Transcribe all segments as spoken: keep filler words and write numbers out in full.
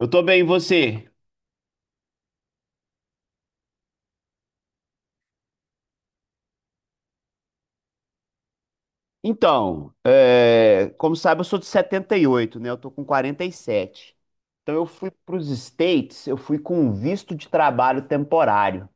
Eu tô bem, e você? Então, é, como sabe, eu sou de setenta e oito, né? Eu tô com quarenta e sete. Então, eu fui para os States, eu fui com um visto de trabalho temporário.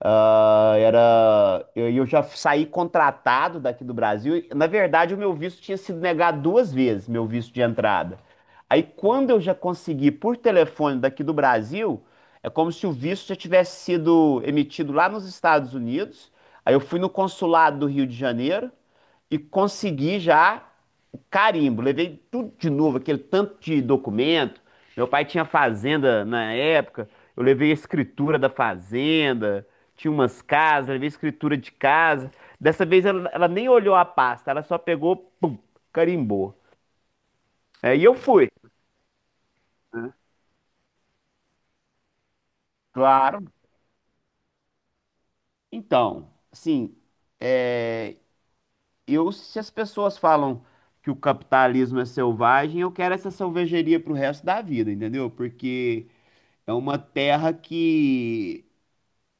Ah, era, eu, eu já saí contratado daqui do Brasil. Na verdade, o meu visto tinha sido negado duas vezes, meu visto de entrada. Aí, quando eu já consegui por telefone daqui do Brasil, é como se o visto já tivesse sido emitido lá nos Estados Unidos. Aí eu fui no consulado do Rio de Janeiro e consegui já o carimbo. Levei tudo de novo, aquele tanto de documento. Meu pai tinha fazenda na época. Eu levei a escritura da fazenda tinha umas casas, ela veio escritura de casa. Dessa vez ela, ela nem olhou a pasta, ela só pegou, pum, carimbou. É, e eu fui. Né? Claro. Então, assim, é, eu, se as pessoas falam que o capitalismo é selvagem, eu quero essa selvageria pro resto da vida, entendeu? Porque é uma terra que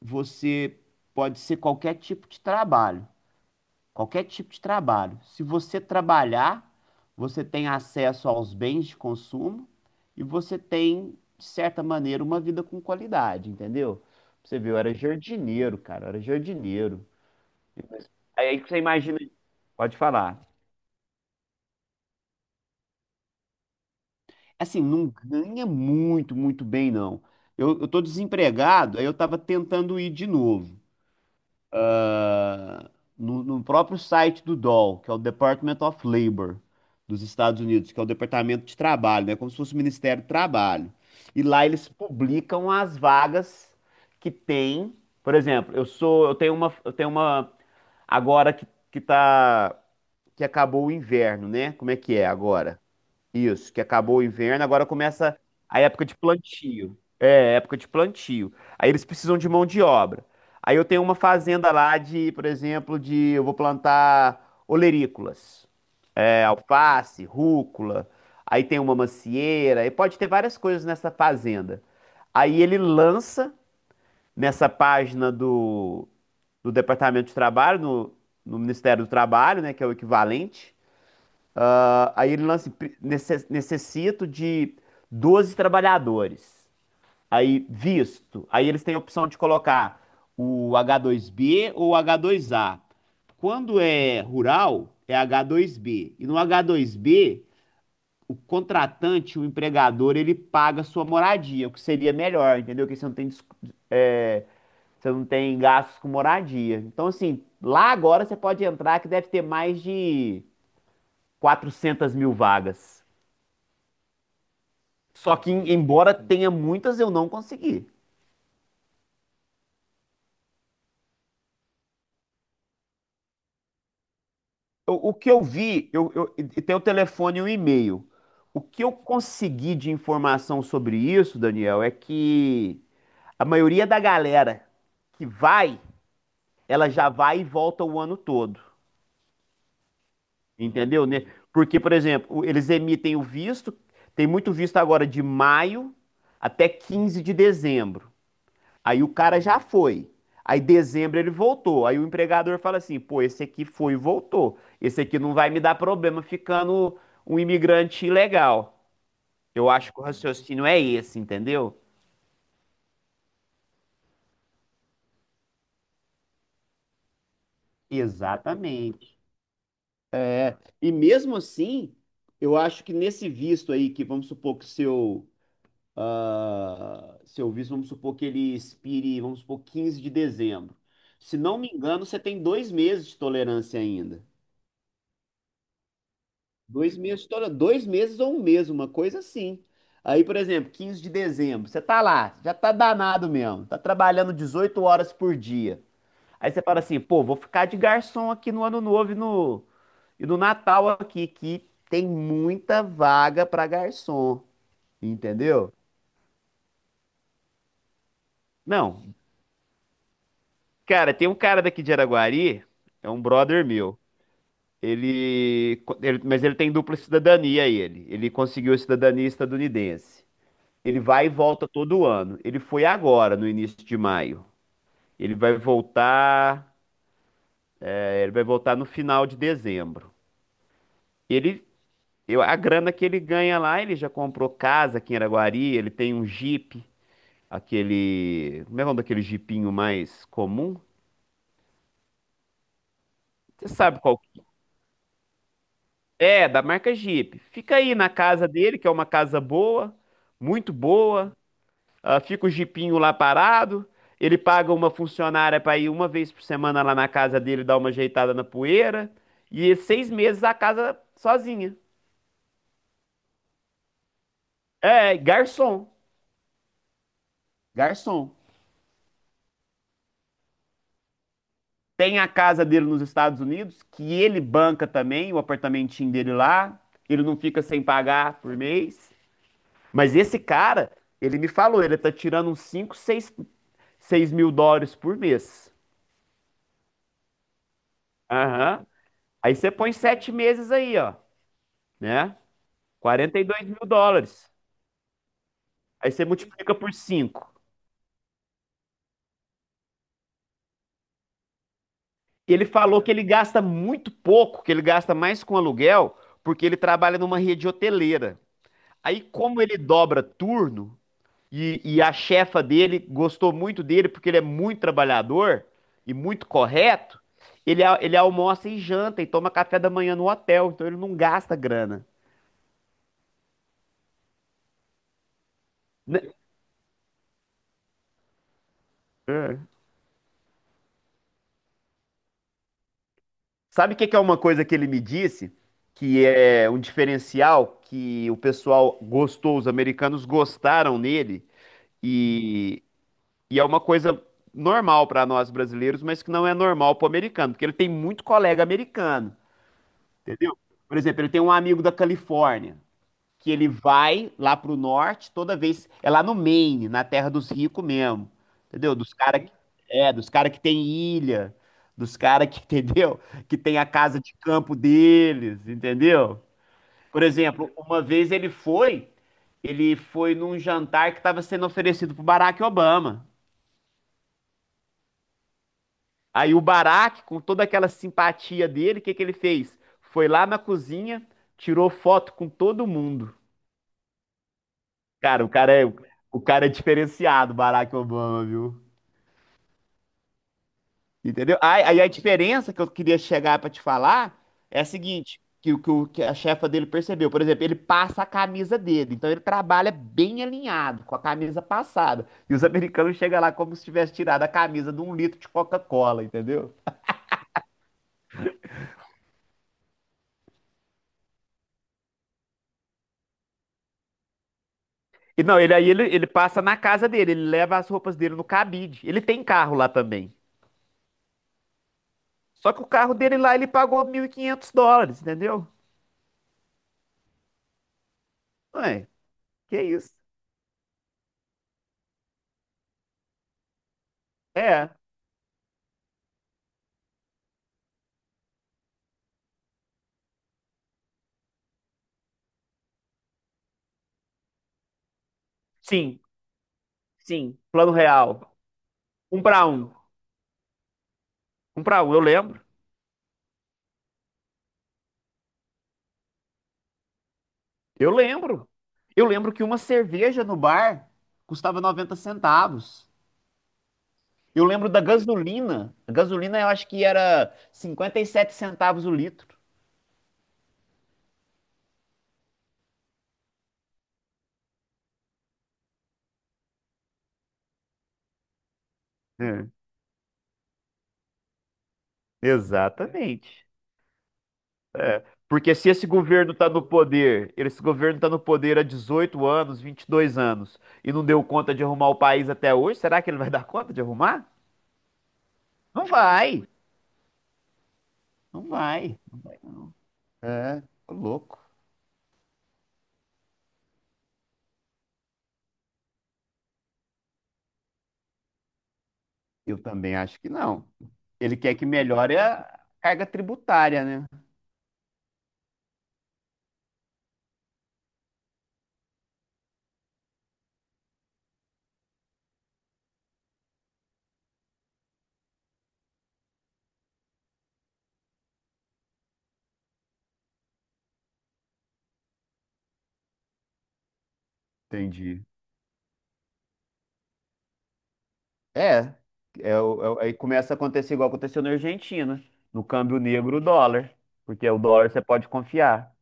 você pode ser qualquer tipo de trabalho. Qualquer tipo de trabalho. Se você trabalhar, você tem acesso aos bens de consumo e você tem, de certa maneira, uma vida com qualidade, entendeu? Pra você viu, eu era jardineiro, cara, eu era jardineiro. Aí aí que você imagina. Pode falar. Assim, não ganha muito, muito bem, não. Eu, eu tô desempregado, aí eu tava tentando ir de novo. no, no próprio site do D O L, que é o Department of Labor dos Estados Unidos, que é o Departamento de Trabalho, né? Como se fosse o Ministério do Trabalho. E lá eles publicam as vagas que tem. Por exemplo, eu sou, eu tenho uma, eu tenho uma agora que, que tá, que acabou o inverno, né? Como é que é agora? Isso, que acabou o inverno, agora começa a época de plantio. É, época de plantio. Aí eles precisam de mão de obra. Aí eu tenho uma fazenda lá de, por exemplo, de eu vou plantar olerícolas, é, alface, rúcula. Aí tem uma macieira, e pode ter várias coisas nessa fazenda. Aí ele lança nessa página do, do Departamento de Trabalho, no, no Ministério do Trabalho, né, que é o equivalente. Ah, aí ele lança, pre- necess- necessito de doze trabalhadores. Aí, visto. Aí eles têm a opção de colocar o H dois B ou o H dois A. Quando é rural, é H dois B. E no H dois B, o contratante, o empregador, ele paga a sua moradia, o que seria melhor, entendeu? Porque você não tem, dis- é, você não tem gastos com moradia. Então, assim, lá agora você pode entrar que deve ter mais de quatrocentas mil vagas. Só que, embora tenha muitas, eu não consegui. O, o que eu vi, eu, eu, e tem o telefone e o e-mail. O que eu consegui de informação sobre isso, Daniel, é que a maioria da galera que vai, ela já vai e volta o ano todo. Entendeu? Né? Porque, por exemplo, o- eles emitem o visto, tem muito visto agora de maio até quinze de dezembro de dezembro. Aí o cara já foi. Aí dezembro ele voltou. Aí o empregador fala assim: pô, esse aqui foi e voltou. Esse aqui não vai me dar problema ficando um imigrante ilegal. Eu acho que o raciocínio é esse, entendeu? Exatamente. E mesmo assim, eu acho que nesse visto aí, que vamos supor que seu, ah, seu visto, vamos supor que ele expire, vamos supor, quinze de dezembro. Se não me engano, você tem dois meses de tolerância ainda. Dois meses, toda, dois meses ou um mês, uma coisa assim. Aí, por exemplo, quinze de dezembro, você tá lá, já tá danado mesmo, tá trabalhando dezoito horas por dia. Aí você fala assim, pô, vou ficar de garçom aqui no Ano Novo e no, e no Natal aqui, que tem muita vaga pra garçom, entendeu? Não, cara, tem um cara daqui de Araguari, é um brother meu. Ele, ele, mas ele tem dupla cidadania, ele. Ele conseguiu a cidadania estadunidense. Ele vai e volta todo ano. Ele foi agora, no início de maio. Ele vai voltar, é, ele vai voltar no final de dezembro. Ele, eu- a grana que ele ganha lá, ele já comprou casa aqui em Araguari, ele tem um Jeep, aquele, como é o nome daquele Jeepinho mais comum? Você sabe qual que é, é, da marca Jeep. Fica aí na casa dele, que é uma casa boa, muito boa. Ah, fica o jipinho lá parado. Ele paga uma funcionária para ir uma vez por semana lá na casa dele dar uma ajeitada na poeira. E seis meses a casa sozinha. É, garçom. Garçom. Tem a casa dele nos Estados Unidos, que ele banca também, o apartamentinho dele lá. Ele não fica sem pagar por mês. Mas esse cara, ele me falou, ele tá tirando uns cinco, seis, seis, mil dólares por mês. Aham. Aí você põe sete meses aí, ó, né? Quarenta e dois mil dólares. Aí você multiplica por cinco. E ele falou que ele gasta muito pouco, que ele gasta mais com aluguel, porque ele trabalha numa rede hoteleira. Aí, como ele dobra turno, e, e a chefa dele gostou muito dele, porque ele é muito trabalhador e muito correto, ele, a- ele almoça e janta e toma café da manhã no hotel, então ele não gasta grana. Né? É. Sabe o que que é uma coisa que ele me disse? Que é um diferencial que o pessoal gostou, os americanos gostaram nele, e, e é uma coisa normal para nós brasileiros, mas que não é normal para o americano, porque ele tem muito colega americano, entendeu? Por exemplo, ele tem um amigo da Califórnia que ele vai lá pro norte, toda vez. É lá no Maine, na terra dos ricos mesmo. Entendeu? Dos cara que, é, dos cara que tem ilha, dos cara que, entendeu? Que tem a casa de campo deles, entendeu? Por exemplo, uma vez ele foi, ele foi num jantar que estava sendo oferecido pro Barack Obama. Aí o Barack, com toda aquela simpatia dele, o que que ele fez? Foi lá na cozinha, tirou foto com todo mundo. Cara, o cara é, o cara é diferenciado, Barack Obama, viu? Entendeu? Aí, aí a diferença que eu queria chegar pra te falar é a seguinte, que, o que o- que a chefa dele percebeu, por exemplo, ele passa a camisa dele, então ele trabalha bem alinhado, com a camisa passada. E os americanos chegam lá como se tivesse tirado a camisa de um litro de Coca-Cola, entendeu? E não, ele aí ele, ele passa na casa dele, ele leva as roupas dele no cabide. Ele tem carro lá também. Só que o carro dele lá ele pagou mil e quinhentos dólares, entendeu? Ué, que isso? É. Sim, sim. Plano real. Um para um. Um para um, eu lembro. Eu lembro. Eu lembro que uma cerveja no bar custava noventa centavos. Eu lembro da gasolina. A gasolina eu acho que era cinquenta e sete centavos o litro. É, exatamente. Porque se esse governo está no poder, esse governo está no poder há dezoito anos, vinte e dois anos, e não deu conta de arrumar o país até hoje, será que ele vai dar conta de arrumar? Não vai, não vai. É, tô louco. Eu também acho que não. Ele quer que melhore a carga tributária, né? Entendi. É, é, o- é o- aí começa a acontecer igual aconteceu na Argentina, no câmbio negro, o dólar, porque o dólar você pode confiar,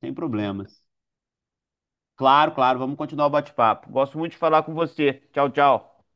sem problemas. Claro, claro, vamos continuar o bate-papo. Gosto muito de falar com você. Tchau, tchau.